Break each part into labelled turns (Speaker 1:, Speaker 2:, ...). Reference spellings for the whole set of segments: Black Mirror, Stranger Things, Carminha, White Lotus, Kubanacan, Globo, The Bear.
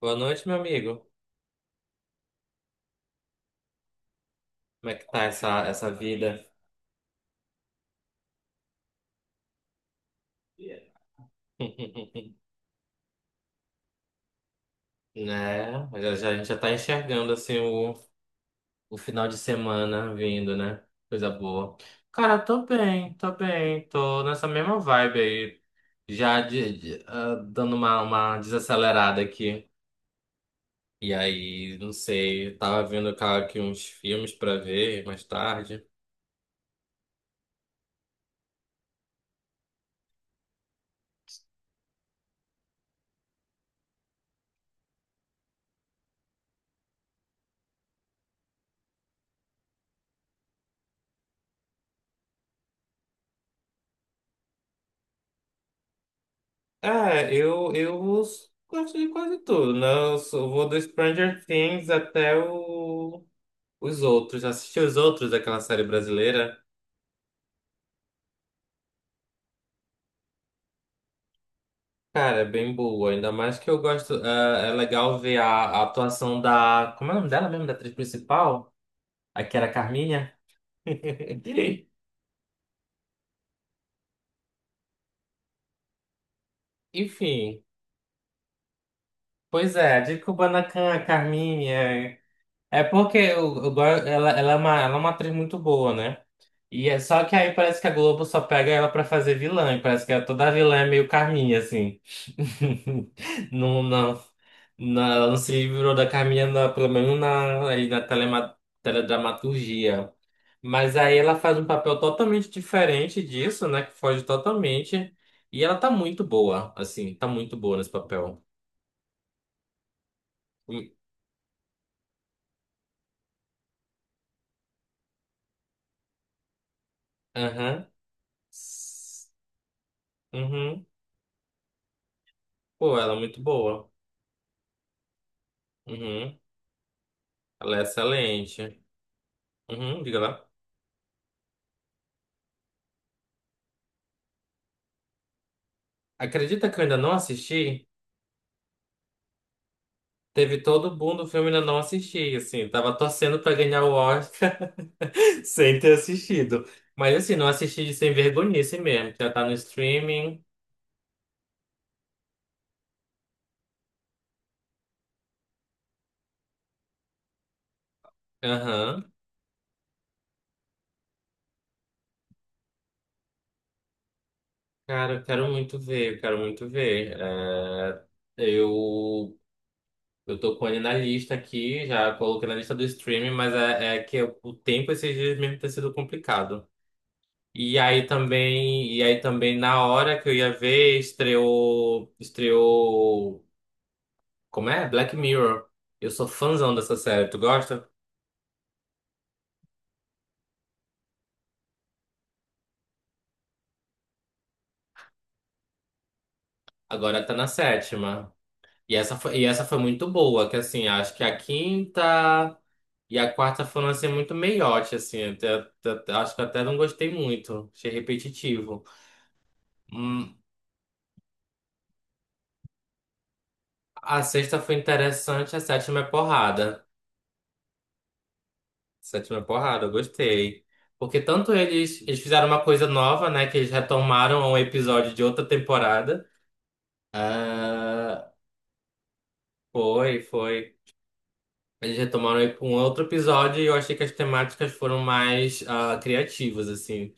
Speaker 1: Boa noite, meu amigo. Como é que tá essa vida? Né? A gente já tá enxergando assim o final de semana vindo, né? Coisa boa. Cara, tô bem, tô bem, tô nessa mesma vibe aí, já dando uma desacelerada aqui. E aí, não sei, tava vendo cara, aqui uns filmes pra ver mais tarde. É, eu gosto de quase tudo, né? Vou do Stranger Things até o. Os outros, assisti os outros daquela série brasileira. Cara, é bem boa, ainda mais que eu gosto. É, é legal ver a atuação da. Como é o nome dela mesmo? Da atriz principal? A que era a Carminha? Enfim, pois é, de Kubanacan, a Carminha. É porque eu, go- ela, ela é uma atriz muito boa, né? E é só que aí parece que a Globo só pega ela pra fazer vilã, e parece que toda vilã é meio Carminha, assim. Não, não, não, ela não se livrou da Carminha, pelo menos na, aí na teledramaturgia. Mas aí ela faz um papel totalmente diferente disso, né? Que foge totalmente. E ela tá muito boa, assim, tá muito boa nesse papel. Hum. Aham. Uhum. Pô, ela é muito boa. Uhum. Ela é excelente. Uhum, diga lá. Acredita que eu ainda não assisti? Teve todo o boom do filme e ainda não assisti, assim. Tava torcendo pra ganhar o Oscar sem ter assistido. Mas, assim, não assisti de sem vergonhice mesmo. Já tá no streaming. Aham. Cara, eu quero muito ver, eu quero muito ver. É, eu, eu tô com ele na lista aqui, já coloquei na lista do streaming, mas é, é que o tempo esses dias mesmo tem sido complicado. E aí também na hora que eu ia ver, estreou, como é? Black Mirror. Eu sou fãzão dessa série, tu gosta? Agora tá na sétima. E essa foi muito boa, que assim, acho que a quinta e a quarta foram assim muito meiote, assim, até, acho que até não gostei muito, achei repetitivo. Hum, a sexta foi interessante, a sétima é porrada. Sétima porrada, eu gostei. Porque eles fizeram uma coisa nova, né? Que eles retomaram um episódio de outra temporada. Ah, foi, foi. Eles retomaram um outro episódio e eu achei que as temáticas foram mais ah, criativas, assim.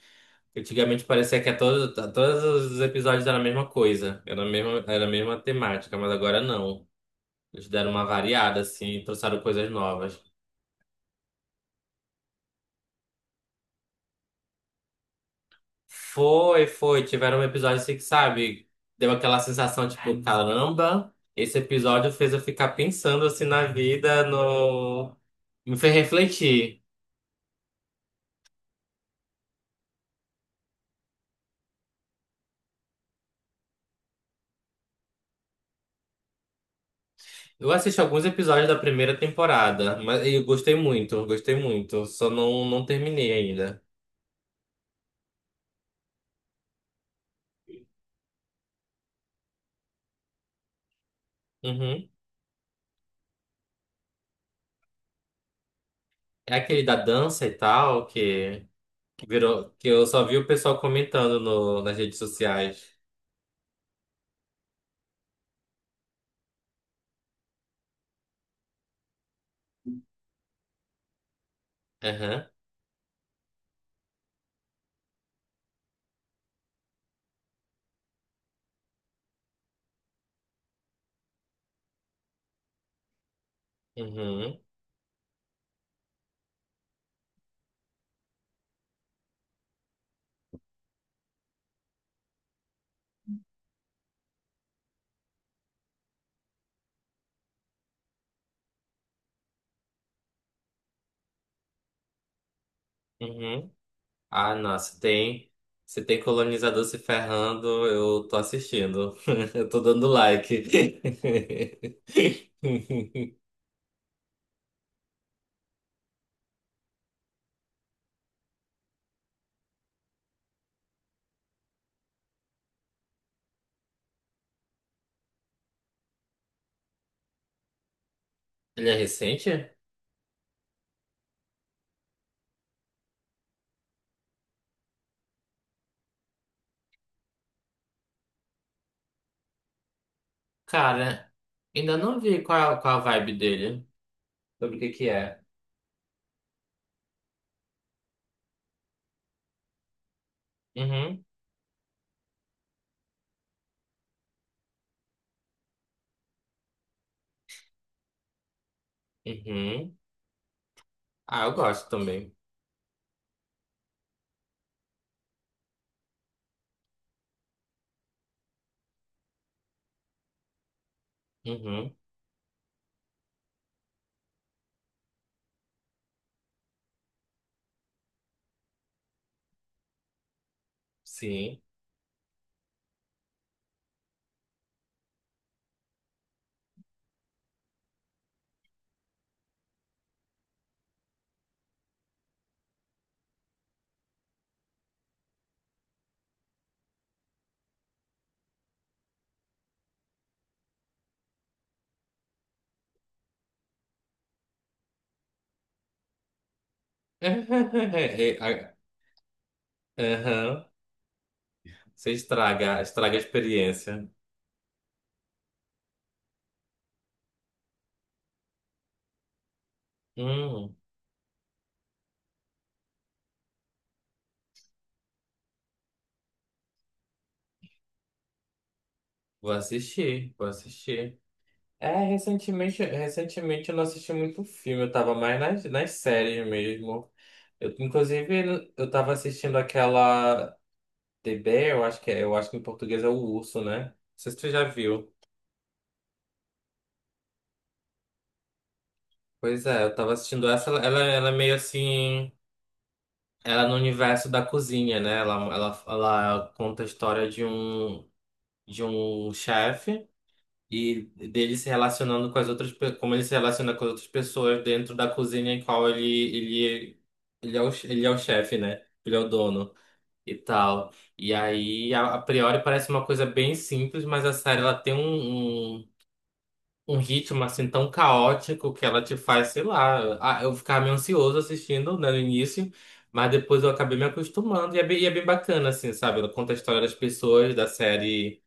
Speaker 1: Antigamente parecia que a todo- a todos, os episódios eram a mesma coisa, era a mesma temática, mas agora não. Eles deram uma variada, assim, e trouxeram coisas novas. Foi, foi. Tiveram episódios assim que, sabe, deu aquela sensação, tipo, caramba, esse episódio fez eu ficar pensando assim na vida, no... me fez refletir. Eu assisti alguns episódios da primeira temporada, mas eu gostei muito, gostei muito. Só não terminei ainda. Uhum. É aquele da dança e tal, que virou, que eu só vi o pessoal comentando no, nas redes sociais. Aham. Uhum. Uhum. Ah, nossa, tem. Se tem colonizador se ferrando, eu tô assistindo. Eu tô dando like. Ele é recente? Cara, ainda não vi qual a vibe dele. Sobre o que que é. Uhum, uhum. Ah, eu gosto também. Uhum, sim. Uhum. Você estraga a experiência. Hum, vou assistir, vou assistir. É, recentemente eu não assisti muito filme, eu tava mais nas séries mesmo. Eu, inclusive, eu tava assistindo aquela The Bear, eu acho que é, eu acho que em português é o urso, né? Não sei se tu já viu. Pois é, eu tava assistindo essa, ela é meio assim, ela é no universo da cozinha, né? Ela conta a história de um chefe. E dele se relacionando com como ele se relaciona com as outras pessoas dentro da cozinha em qual ele ele é ele é o chefe, né? Ele é o dono e tal. E aí a priori parece uma coisa bem simples, mas a série ela tem um ritmo assim tão caótico que ela te faz, sei lá, ah, eu ficava meio ansioso assistindo, né, no início. Mas depois eu acabei me acostumando e e é bem bacana, assim, sabe? Ela conta a história das pessoas, da série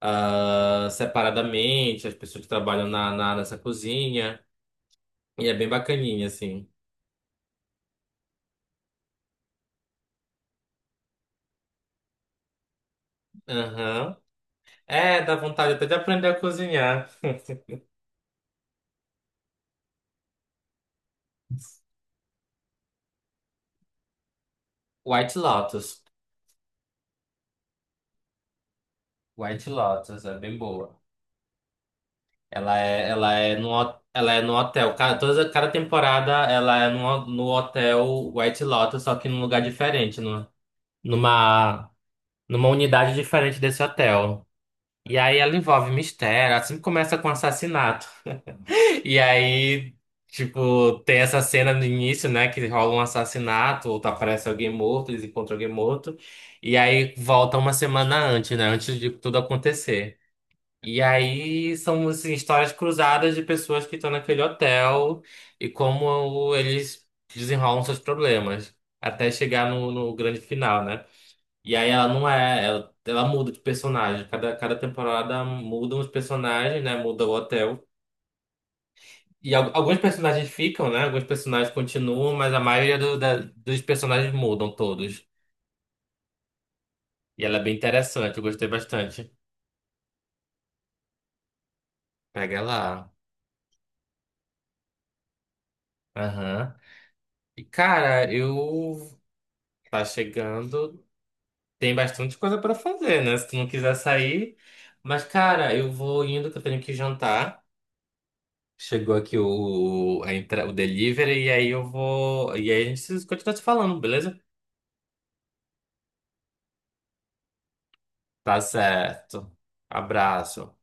Speaker 1: ah, separadamente, as pessoas que trabalham na nessa cozinha. E é bem bacaninha, assim. Aham. É, dá vontade até de aprender a cozinhar. White Lotus. White Lotus é bem boa. Ela é ela é no hotel. Cada temporada ela é no hotel White Lotus, só que num lugar diferente, no, numa, numa unidade diferente desse hotel. E aí ela envolve mistério, assim começa com assassinato. E aí, tipo, tem essa cena no início, né, que rola um assassinato, ou aparece alguém morto, eles encontram alguém morto, e aí volta uma semana antes, né, antes de tudo acontecer. E aí são, assim, histórias cruzadas de pessoas que estão naquele hotel e como eles desenrolam seus problemas, até chegar no grande final, né? E aí ela não é, ela muda de personagem, cada temporada mudam os personagens, né, muda o hotel. E alguns personagens ficam, né? Alguns personagens continuam, mas a maioria dos personagens mudam todos. E ela é bem interessante, eu gostei bastante. Pega lá. Aham. E cara, eu tá chegando, tem bastante coisa pra fazer, né? Se tu não quiser sair. Mas cara, eu vou indo que eu tenho que jantar. Chegou aqui o delivery e aí eu vou, e aí a gente continua se falando, beleza? Tá certo. Abraço.